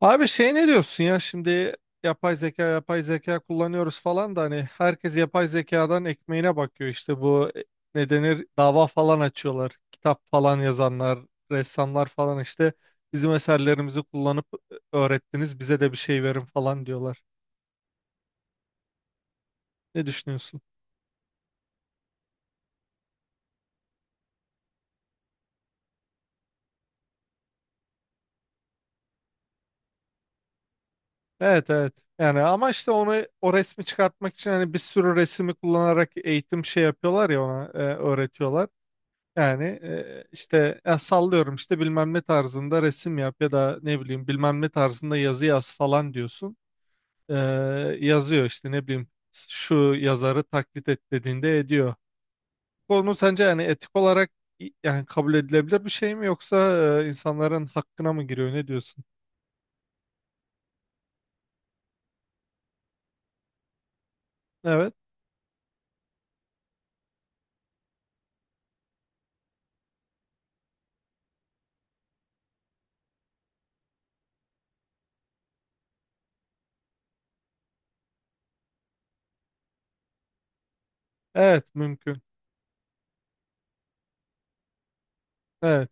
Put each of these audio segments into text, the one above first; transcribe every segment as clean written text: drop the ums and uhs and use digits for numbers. Abi ne diyorsun ya şimdi yapay zeka kullanıyoruz falan da hani herkes yapay zekadan ekmeğine bakıyor işte ne denir dava falan açıyorlar, kitap falan yazanlar, ressamlar falan işte bizim eserlerimizi kullanıp öğrettiniz, bize de bir şey verin falan diyorlar. Ne düşünüyorsun? Evet, evet, yani ama işte onu, o resmi çıkartmak için hani bir sürü resmi kullanarak eğitim yapıyorlar ya, ona öğretiyorlar. Yani işte ya sallıyorum, işte bilmem ne tarzında resim yap ya da ne bileyim bilmem ne tarzında yazı yaz falan diyorsun. Ee, Yazıyor işte, ne bileyim şu yazarı taklit et dediğinde ediyor. Konu sence yani etik olarak yani kabul edilebilir bir şey mi, yoksa insanların hakkına mı giriyor, ne diyorsun? Evet. Evet, mümkün. Evet.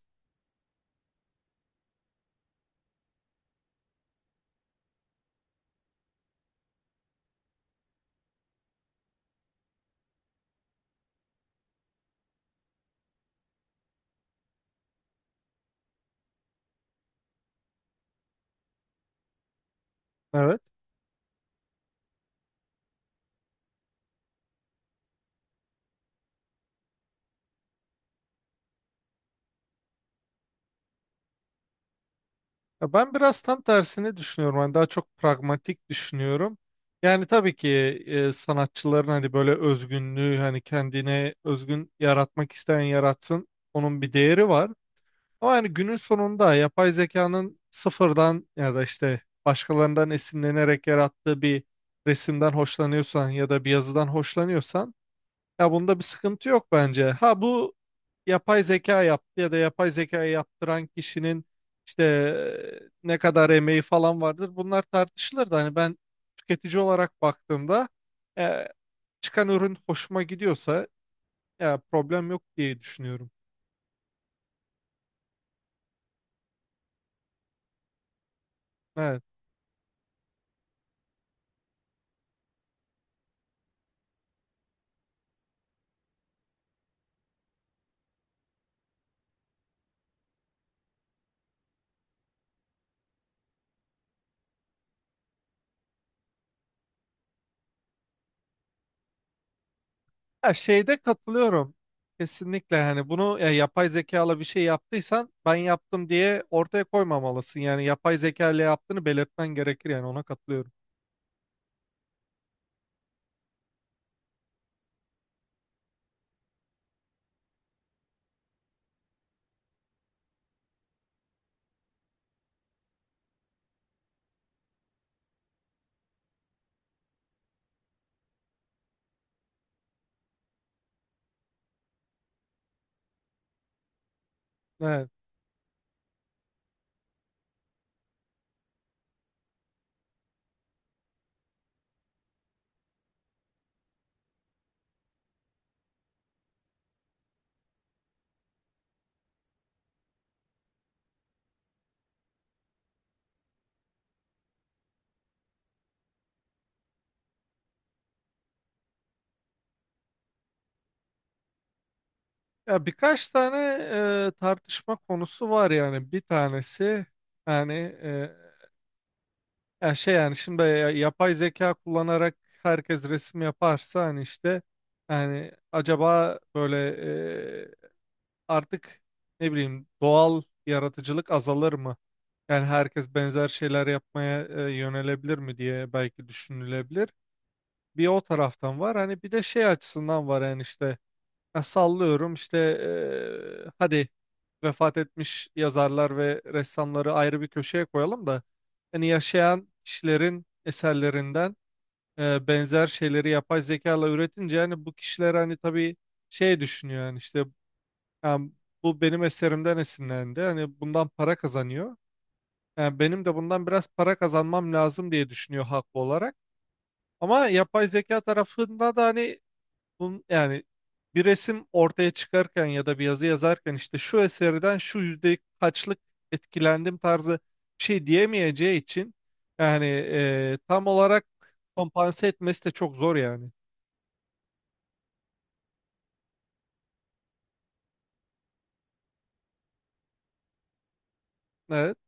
Evet. Ya ben biraz tam tersini düşünüyorum. Hani daha çok pragmatik düşünüyorum. Yani tabii ki sanatçıların hani böyle özgünlüğü, hani kendine özgün yaratmak isteyen yaratsın. Onun bir değeri var. Ama yani günün sonunda yapay zekanın sıfırdan ya da işte başkalarından esinlenerek yarattığı bir resimden hoşlanıyorsan ya da bir yazıdan hoşlanıyorsan, ya bunda bir sıkıntı yok bence. Ha bu yapay zeka yaptı ya da yapay zekayı yaptıran kişinin işte ne kadar emeği falan vardır. Bunlar tartışılır da hani ben tüketici olarak baktığımda e, çıkan ürün hoşuma gidiyorsa ya problem yok diye düşünüyorum. Evet. Ya şeyde katılıyorum. Kesinlikle hani bunu, ya yapay zekayla bir şey yaptıysan ben yaptım diye ortaya koymamalısın. Yani yapay zeka ile yaptığını belirtmen gerekir, yani ona katılıyorum. Evet. Ya birkaç tane tartışma konusu var, yani bir tanesi, yani e, yani şimdi yapay zeka kullanarak herkes resim yaparsa hani işte, yani acaba böyle e, artık ne bileyim doğal yaratıcılık azalır mı? Yani herkes benzer şeyler yapmaya yönelebilir mi diye belki düşünülebilir. Bir o taraftan var, hani bir de şey açısından var yani, işte ya sallıyorum, işte hadi vefat etmiş yazarlar ve ressamları ayrı bir köşeye koyalım da hani yaşayan kişilerin eserlerinden benzer şeyleri yapay zekayla üretince yani bu kişiler hani tabii şey düşünüyor, yani işte yani bu benim eserimden esinlendi, hani bundan para kazanıyor. Yani benim de bundan biraz para kazanmam lazım diye düşünüyor haklı olarak. Ama yapay zeka tarafında da hani bunun, yani bir resim ortaya çıkarken ya da bir yazı yazarken işte şu eserden şu yüzde kaçlık etkilendim tarzı bir şey diyemeyeceği için yani tam olarak kompanse etmesi de çok zor yani. Evet.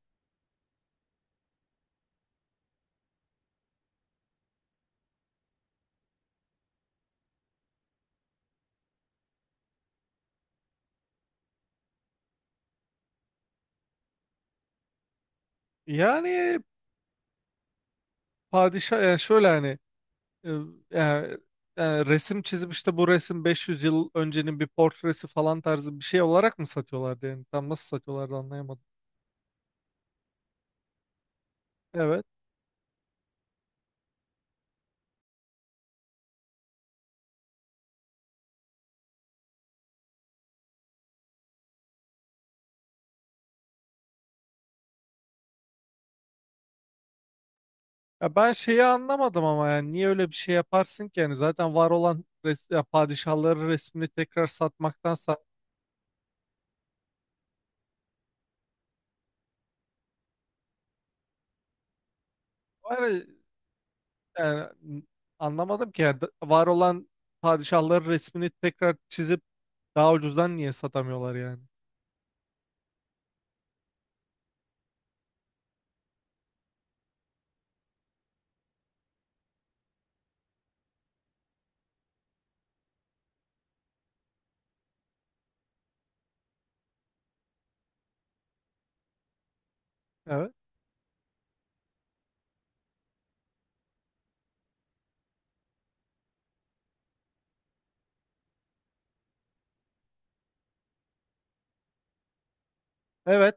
Yani padişah, yani şöyle hani e, yani, yani resim çizip işte bu resim 500 yıl öncenin bir portresi falan tarzı bir şey olarak mı satıyorlardı, yani tam nasıl satıyorlardı anlayamadım. Evet. Ya ben şeyi anlamadım ama, yani niye öyle bir şey yaparsın ki, yani zaten var olan res, ya padişahların resmini tekrar satmaktansa var ya, yani n- anlamadım ki yani, var olan padişahları resmini tekrar çizip daha ucuzdan niye satamıyorlar yani? Evet. Evet.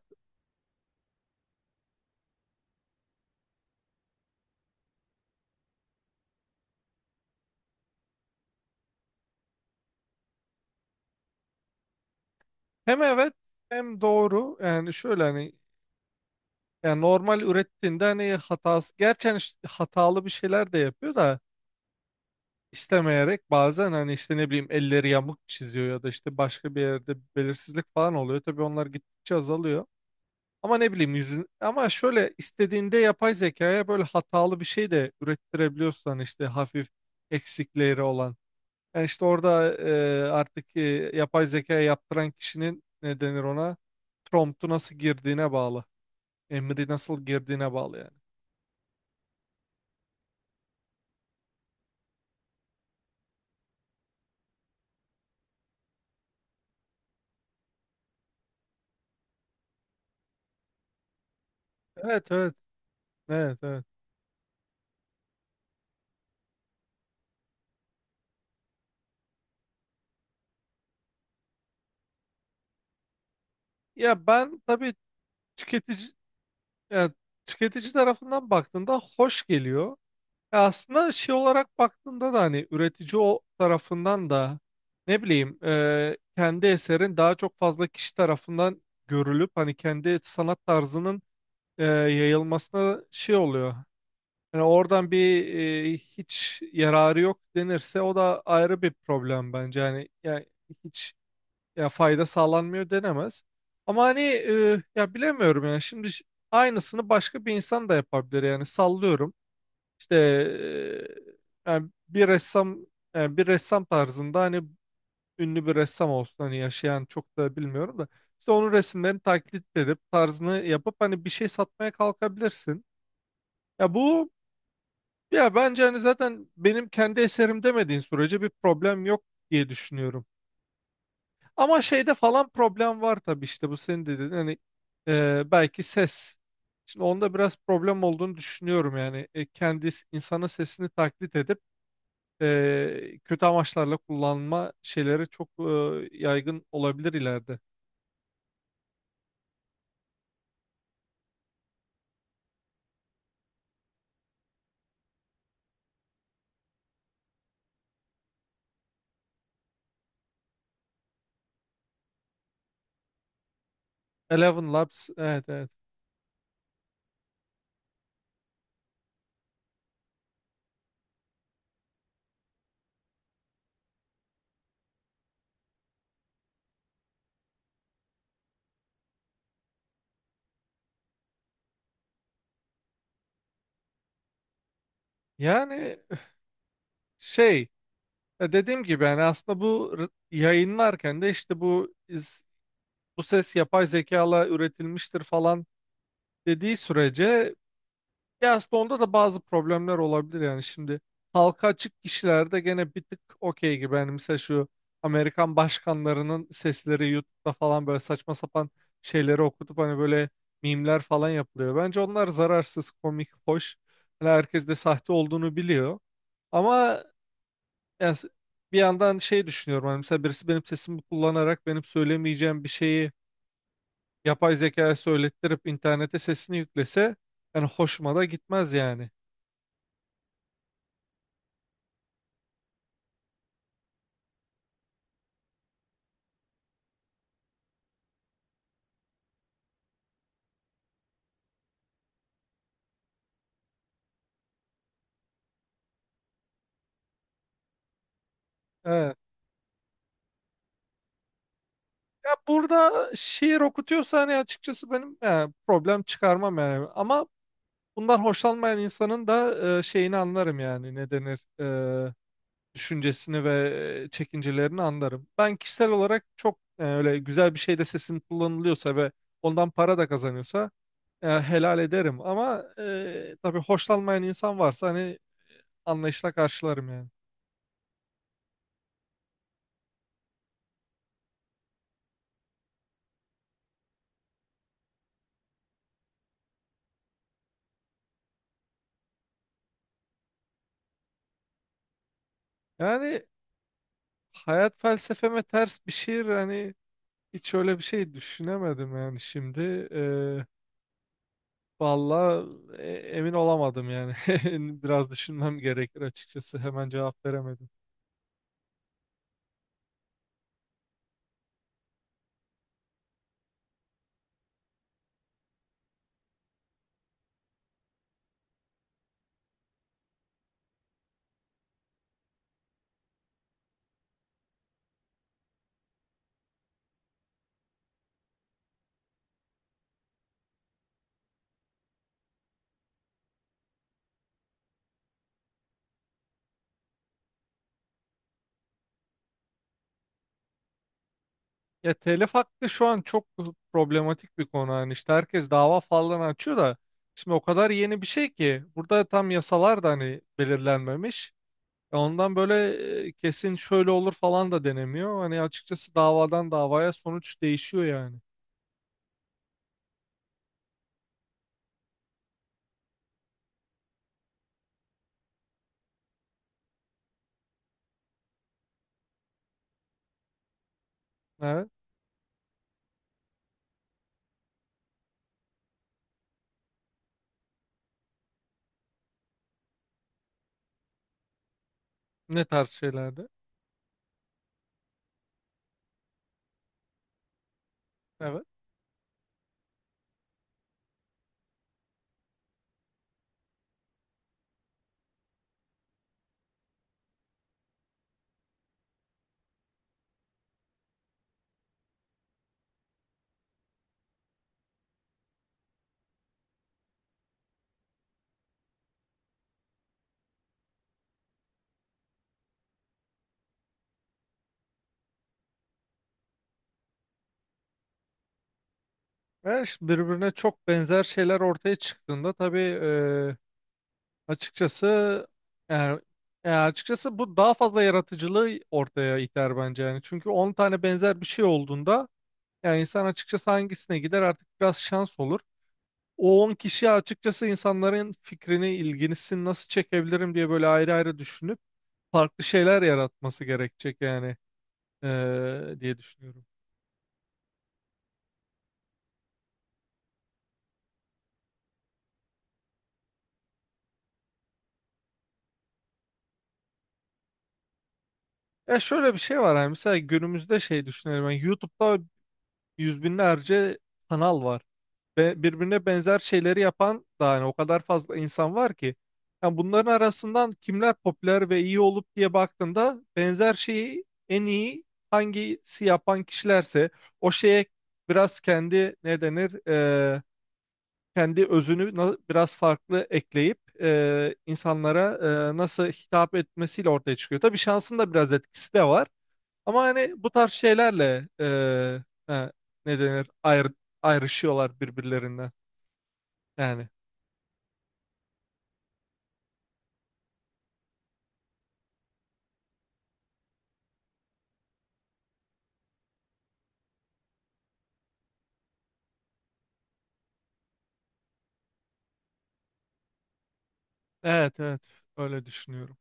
Hem evet hem doğru. Yani şöyle hani, yani normal ürettiğinde hani hatası, gerçekten hatalı bir şeyler de yapıyor da istemeyerek, bazen hani işte ne bileyim elleri yamuk çiziyor ya da işte başka bir yerde belirsizlik falan oluyor. Tabii onlar gittikçe azalıyor. Ama ne bileyim yüzün, ama şöyle istediğinde yapay zekaya böyle hatalı bir şey de ürettirebiliyorsun, hani işte hafif eksikleri olan. Yani işte orada artık yapay zekaya yaptıran kişinin ne denir, ona promptu nasıl girdiğine bağlı. Emri nasıl girdiğine bağlı yani. Evet, evet, evet, evet. Ya ben tabii tüketici, yani tüketici tarafından baktığında hoş geliyor. Ya aslında şey olarak baktığında da hani üretici o tarafından da ne bileyim kendi eserin daha çok fazla kişi tarafından görülüp, hani kendi sanat tarzının yayılmasına şey oluyor. Yani oradan bir hiç yararı yok denirse, o da ayrı bir problem bence. Yani, yani hiç, ya fayda sağlanmıyor denemez. Ama hani ya bilemiyorum yani şimdi aynısını başka bir insan da yapabilir yani, sallıyorum. İşte yani bir ressam, yani bir ressam tarzında hani ünlü bir ressam olsun, hani yaşayan çok da bilmiyorum da işte onun resimlerini taklit edip tarzını yapıp hani bir şey satmaya kalkabilirsin. Ya bu, ya bence hani zaten benim kendi eserim demediğin sürece bir problem yok diye düşünüyorum. Ama şeyde falan problem var tabii, işte bu senin dediğin hani belki ses. Şimdi onda biraz problem olduğunu düşünüyorum yani, kendi insanın sesini taklit edip kötü amaçlarla kullanma şeyleri çok yaygın olabilir ileride. Eleven Labs, evet evet. Yani şey dediğim gibi, yani aslında yayınlarken de işte bu ses yapay zekayla üretilmiştir falan dediği sürece. Ya aslında onda da bazı problemler olabilir yani şimdi, halka açık kişilerde gene bir tık okey gibi, yani mesela şu Amerikan başkanlarının sesleri YouTube'da falan böyle saçma sapan şeyleri okutup hani böyle mimler falan yapılıyor. Bence onlar zararsız, komik, hoş. Hani herkes de sahte olduğunu biliyor. Ama yani s- bir yandan şey düşünüyorum, hani mesela birisi benim sesimi kullanarak benim söyleyemeyeceğim bir şeyi yapay zekaya söylettirip internete sesini yüklese, yani hoşuma da gitmez yani. Evet. Ya burada şiir okutuyorsa hani açıkçası benim yani problem çıkarmam yani. Ama bundan hoşlanmayan insanın da şeyini anlarım yani, ne denir e, düşüncesini ve çekincelerini anlarım. Ben kişisel olarak çok öyle güzel bir şeyde sesim kullanılıyorsa ve ondan para da kazanıyorsa helal ederim. Ama tabii hoşlanmayan insan varsa hani anlayışla karşılarım yani. Yani hayat felsefeme ters bir şiir hani, hiç öyle bir şey düşünemedim yani şimdi. Eee Valla emin olamadım yani. Biraz düşünmem gerekir açıkçası. Hemen cevap veremedim. Ya telif hakkı şu an çok problematik bir konu. Yani işte herkes dava falan açıyor da şimdi o kadar yeni bir şey ki burada tam yasalar da hani belirlenmemiş. E ondan böyle kesin şöyle olur falan da denemiyor. Hani açıkçası davadan davaya sonuç değişiyor yani. Evet. Ne tarz şeylerde? Ve işte birbirine çok benzer şeyler ortaya çıktığında tabii açıkçası yani, açıkçası bu daha fazla yaratıcılığı ortaya iter bence yani. Çünkü 10 tane benzer bir şey olduğunda yani insan açıkçası hangisine gider, artık biraz şans olur. O 10 kişi açıkçası insanların fikrini, ilgisini nasıl çekebilirim diye böyle ayrı ayrı düşünüp farklı şeyler yaratması gerekecek yani diye düşünüyorum. Ya şöyle bir şey var, yani mesela günümüzde şey düşünelim, yani YouTube'da 100 binlerce kanal var. Ve birbirine benzer şeyleri yapan da hani o kadar fazla insan var ki. Yani bunların arasından kimler popüler ve iyi olup diye baktığında, benzer şeyi en iyi hangisi yapan kişilerse o şeye biraz kendi ne denir kendi özünü biraz farklı ekleyip insanlara nasıl hitap etmesiyle ortaya çıkıyor. Tabii şansın da biraz etkisi de var. Ama hani bu tarz şeylerle ne denir ayrı, ayrışıyorlar birbirlerinden. Yani evet, evet, öyle düşünüyorum.